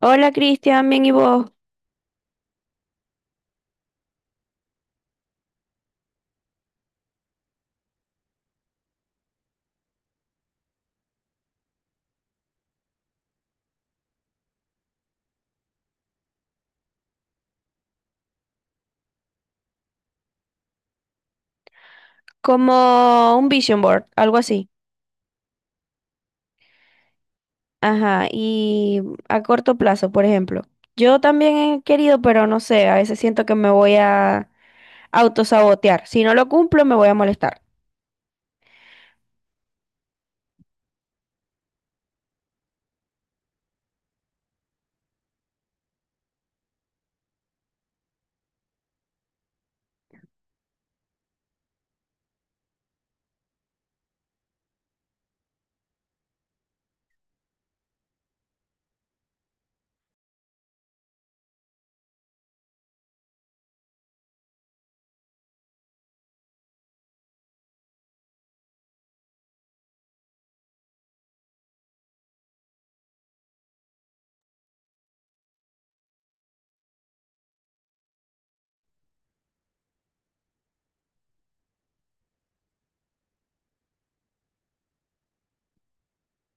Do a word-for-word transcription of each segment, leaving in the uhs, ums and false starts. Hola Cristian, bien y vos, como un vision board, algo así. Ajá, y a corto plazo, por ejemplo. Yo también he querido, pero no sé, a veces siento que me voy a autosabotear. Si no lo cumplo, me voy a molestar.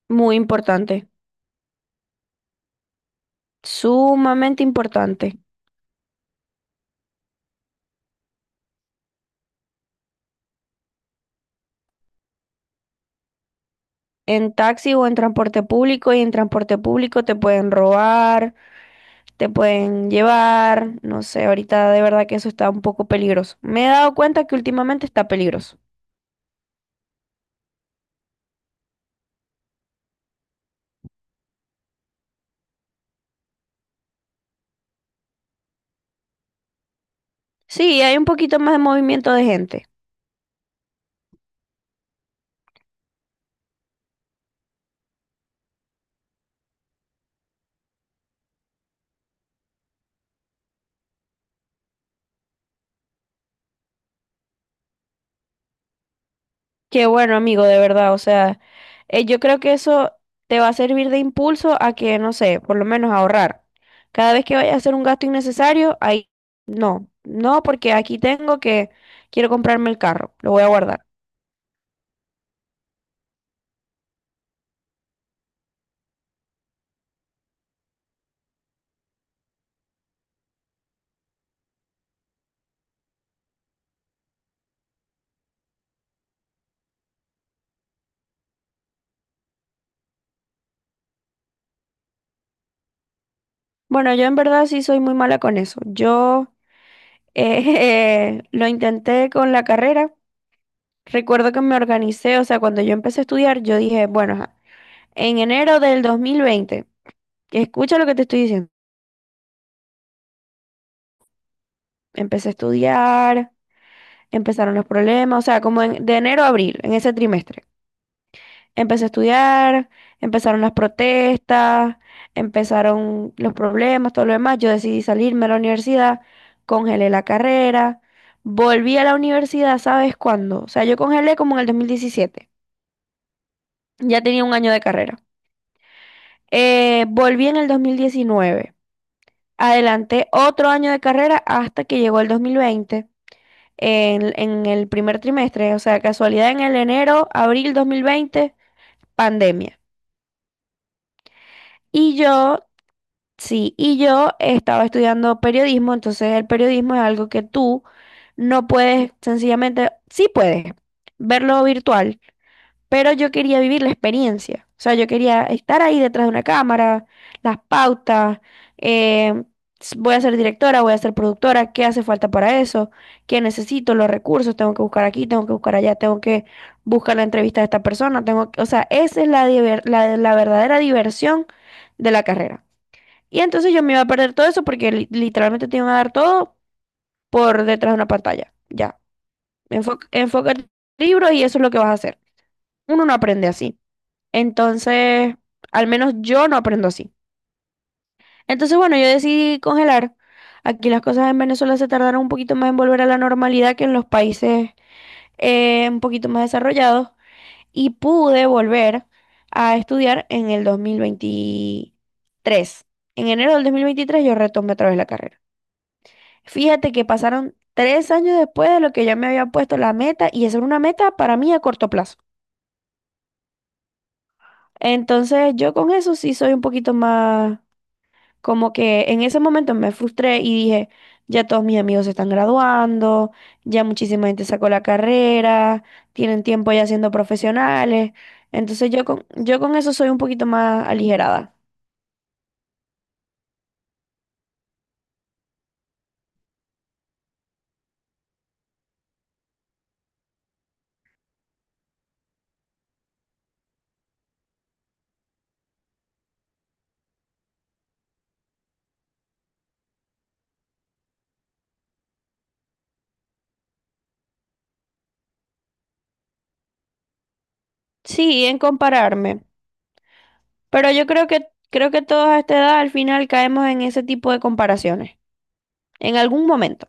Muy importante, sumamente importante. En taxi o en transporte público, y en transporte público te pueden robar, te pueden llevar, no sé, ahorita de verdad que eso está un poco peligroso. Me he dado cuenta que últimamente está peligroso. Sí, hay un poquito más de movimiento de gente. Qué bueno, amigo, de verdad. O sea, eh, yo creo que eso te va a servir de impulso a que, no sé, por lo menos ahorrar. Cada vez que vayas a hacer un gasto innecesario, ahí no, no, porque aquí tengo que quiero comprarme el carro, lo voy a guardar. Bueno, yo en verdad sí soy muy mala con eso. Yo eh, lo intenté con la carrera. Recuerdo que me organicé, o sea, cuando yo empecé a estudiar, yo dije, bueno, ajá, en enero del dos mil veinte, escucha lo que te estoy diciendo. Empecé a estudiar, empezaron los problemas, o sea, como en- de enero a abril, en ese trimestre. Empecé a estudiar, empezaron las protestas, empezaron los problemas, todo lo demás. Yo decidí salirme a la universidad, congelé la carrera, volví a la universidad, ¿sabes cuándo? O sea, yo congelé como en el dos mil diecisiete, ya tenía un año de carrera. Eh, volví en el dos mil diecinueve, adelanté otro año de carrera hasta que llegó el dos mil veinte en, en el primer trimestre, o sea, casualidad en el enero, abril dos mil veinte, pandemia. Y yo, sí, y yo estaba estudiando periodismo, entonces el periodismo es algo que tú no puedes, sencillamente, sí puedes verlo virtual, pero yo quería vivir la experiencia. O sea, yo quería estar ahí detrás de una cámara, las pautas, eh, s- voy a ser directora, voy a ser productora, ¿qué hace falta para eso? ¿Qué necesito? Los recursos, tengo que buscar aquí, tengo que buscar allá, tengo que buscar la entrevista de esta persona, tengo que- o sea, esa es la, diver- la, la verdadera diversión de la carrera. Y entonces yo me iba a perder todo eso porque li- literalmente te iban a dar todo por detrás de una pantalla. Ya, enfoca, enfoca el libro y eso es lo que vas a hacer. Uno no aprende así. Entonces, al menos yo no aprendo así. Entonces, bueno, yo decidí congelar. Aquí las cosas en Venezuela se tardaron un poquito más en volver a la normalidad que en los países eh, un poquito más desarrollados, y pude volver a estudiar en el dos mil veintitrés. En enero del dos mil veintitrés yo retomé otra vez la carrera. Fíjate que pasaron tres años después de lo que yo me había puesto la meta y esa era una meta para mí a corto plazo. Entonces, yo con eso sí soy un poquito más. Como que en ese momento me frustré y dije, ya todos mis amigos se están graduando, ya muchísima gente sacó la carrera, tienen tiempo ya siendo profesionales. Entonces yo con, yo con eso soy un poquito más aligerada. Sí, en compararme. Pero yo creo que, creo que todos a esta edad al final caemos en ese tipo de comparaciones. En algún momento.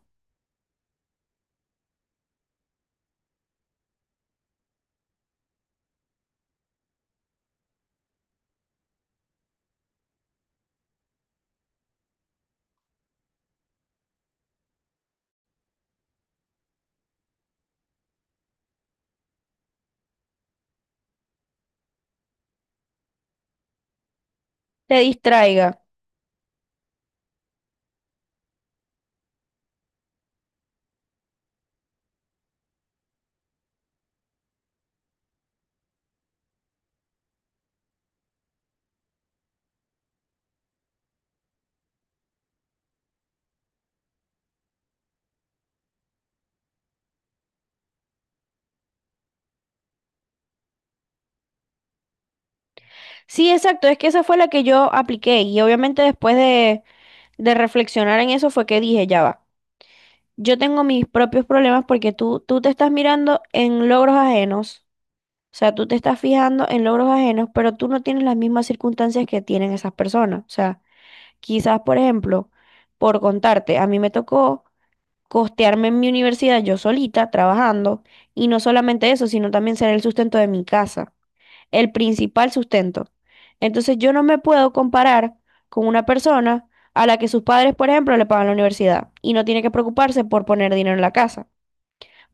Te distraiga. Sí, exacto. Es que esa fue la que yo apliqué. Y obviamente después de, de reflexionar en eso fue que dije, ya va. Yo tengo mis propios problemas porque tú, tú te estás mirando en logros ajenos, o sea, tú te estás fijando en logros ajenos, pero tú no tienes las mismas circunstancias que tienen esas personas. O sea, quizás, por ejemplo, por contarte, a mí me tocó costearme en mi universidad yo solita, trabajando, y no solamente eso, sino también ser el sustento de mi casa, el principal sustento. Entonces yo no me puedo comparar con una persona a la que sus padres, por ejemplo, le pagan la universidad y no tiene que preocuparse por poner dinero en la casa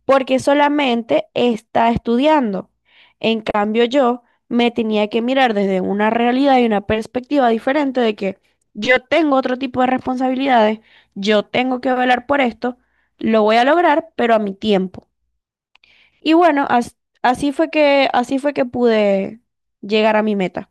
porque solamente está estudiando. En cambio, yo me tenía que mirar desde una realidad y una perspectiva diferente de que yo tengo otro tipo de responsabilidades, yo tengo que velar por esto, lo voy a lograr, pero a mi tiempo. Y bueno, as- así fue que, así fue que pude llegar a mi meta.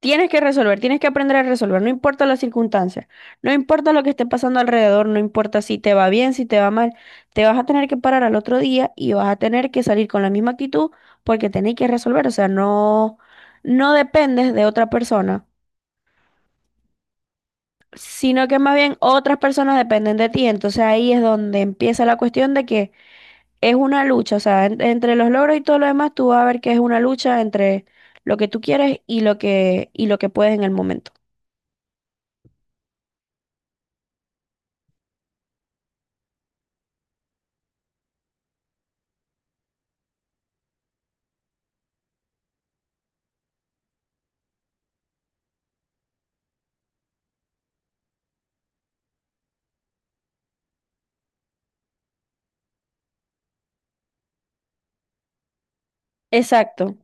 Tienes que resolver, tienes que aprender a resolver, no importa las circunstancias, no importa lo que esté pasando alrededor, no importa si te va bien, si te va mal, te vas a tener que parar al otro día y vas a tener que salir con la misma actitud porque tenés que resolver, o sea, no, no dependes de otra persona, sino que más bien otras personas dependen de ti, entonces ahí es donde empieza la cuestión de que es una lucha, o sea, en- entre los logros y todo lo demás, tú vas a ver que es una lucha entre lo que tú quieres y lo que, y lo que puedes en el momento. Exacto.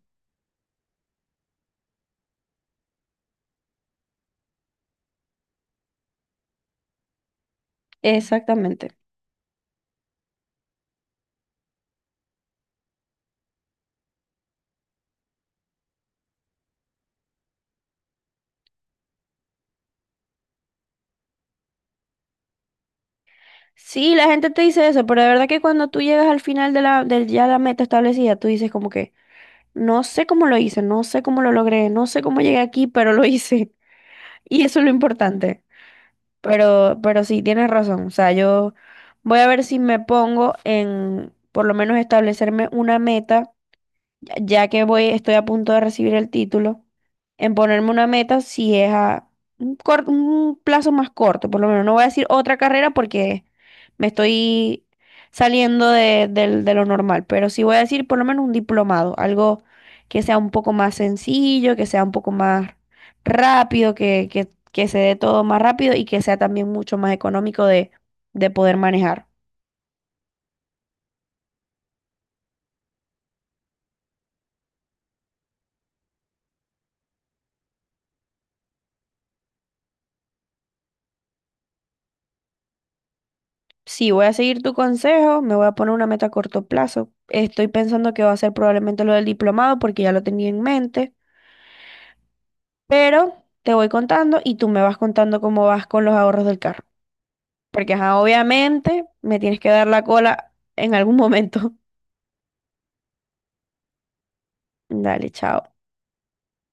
Exactamente. Sí, la gente te dice eso, pero de verdad que cuando tú llegas al final de la, del ya la meta establecida, tú dices como que no sé cómo lo hice, no sé cómo lo logré, no sé cómo llegué aquí, pero lo hice. Y eso es lo importante. Pero, pero sí, tienes razón. O sea, yo voy a ver si me pongo en por lo menos establecerme una meta ya que voy, estoy a punto de recibir el título, en ponerme una meta si es a un, cor- un plazo más corto, por lo menos. No voy a decir otra carrera porque me estoy saliendo de, del- de lo normal, pero sí voy a decir por lo menos un diplomado, algo que sea un poco más sencillo, que sea un poco más rápido, que, que, que se dé todo más rápido y que sea también mucho más económico de, de poder manejar. Sí, voy a seguir tu consejo, me voy a poner una meta a corto plazo. Estoy pensando que va a ser probablemente lo del diplomado porque ya lo tenía en mente, pero te voy contando y tú me vas contando cómo vas con los ahorros del carro. Porque ajá, obviamente me tienes que dar la cola en algún momento. Dale, chao.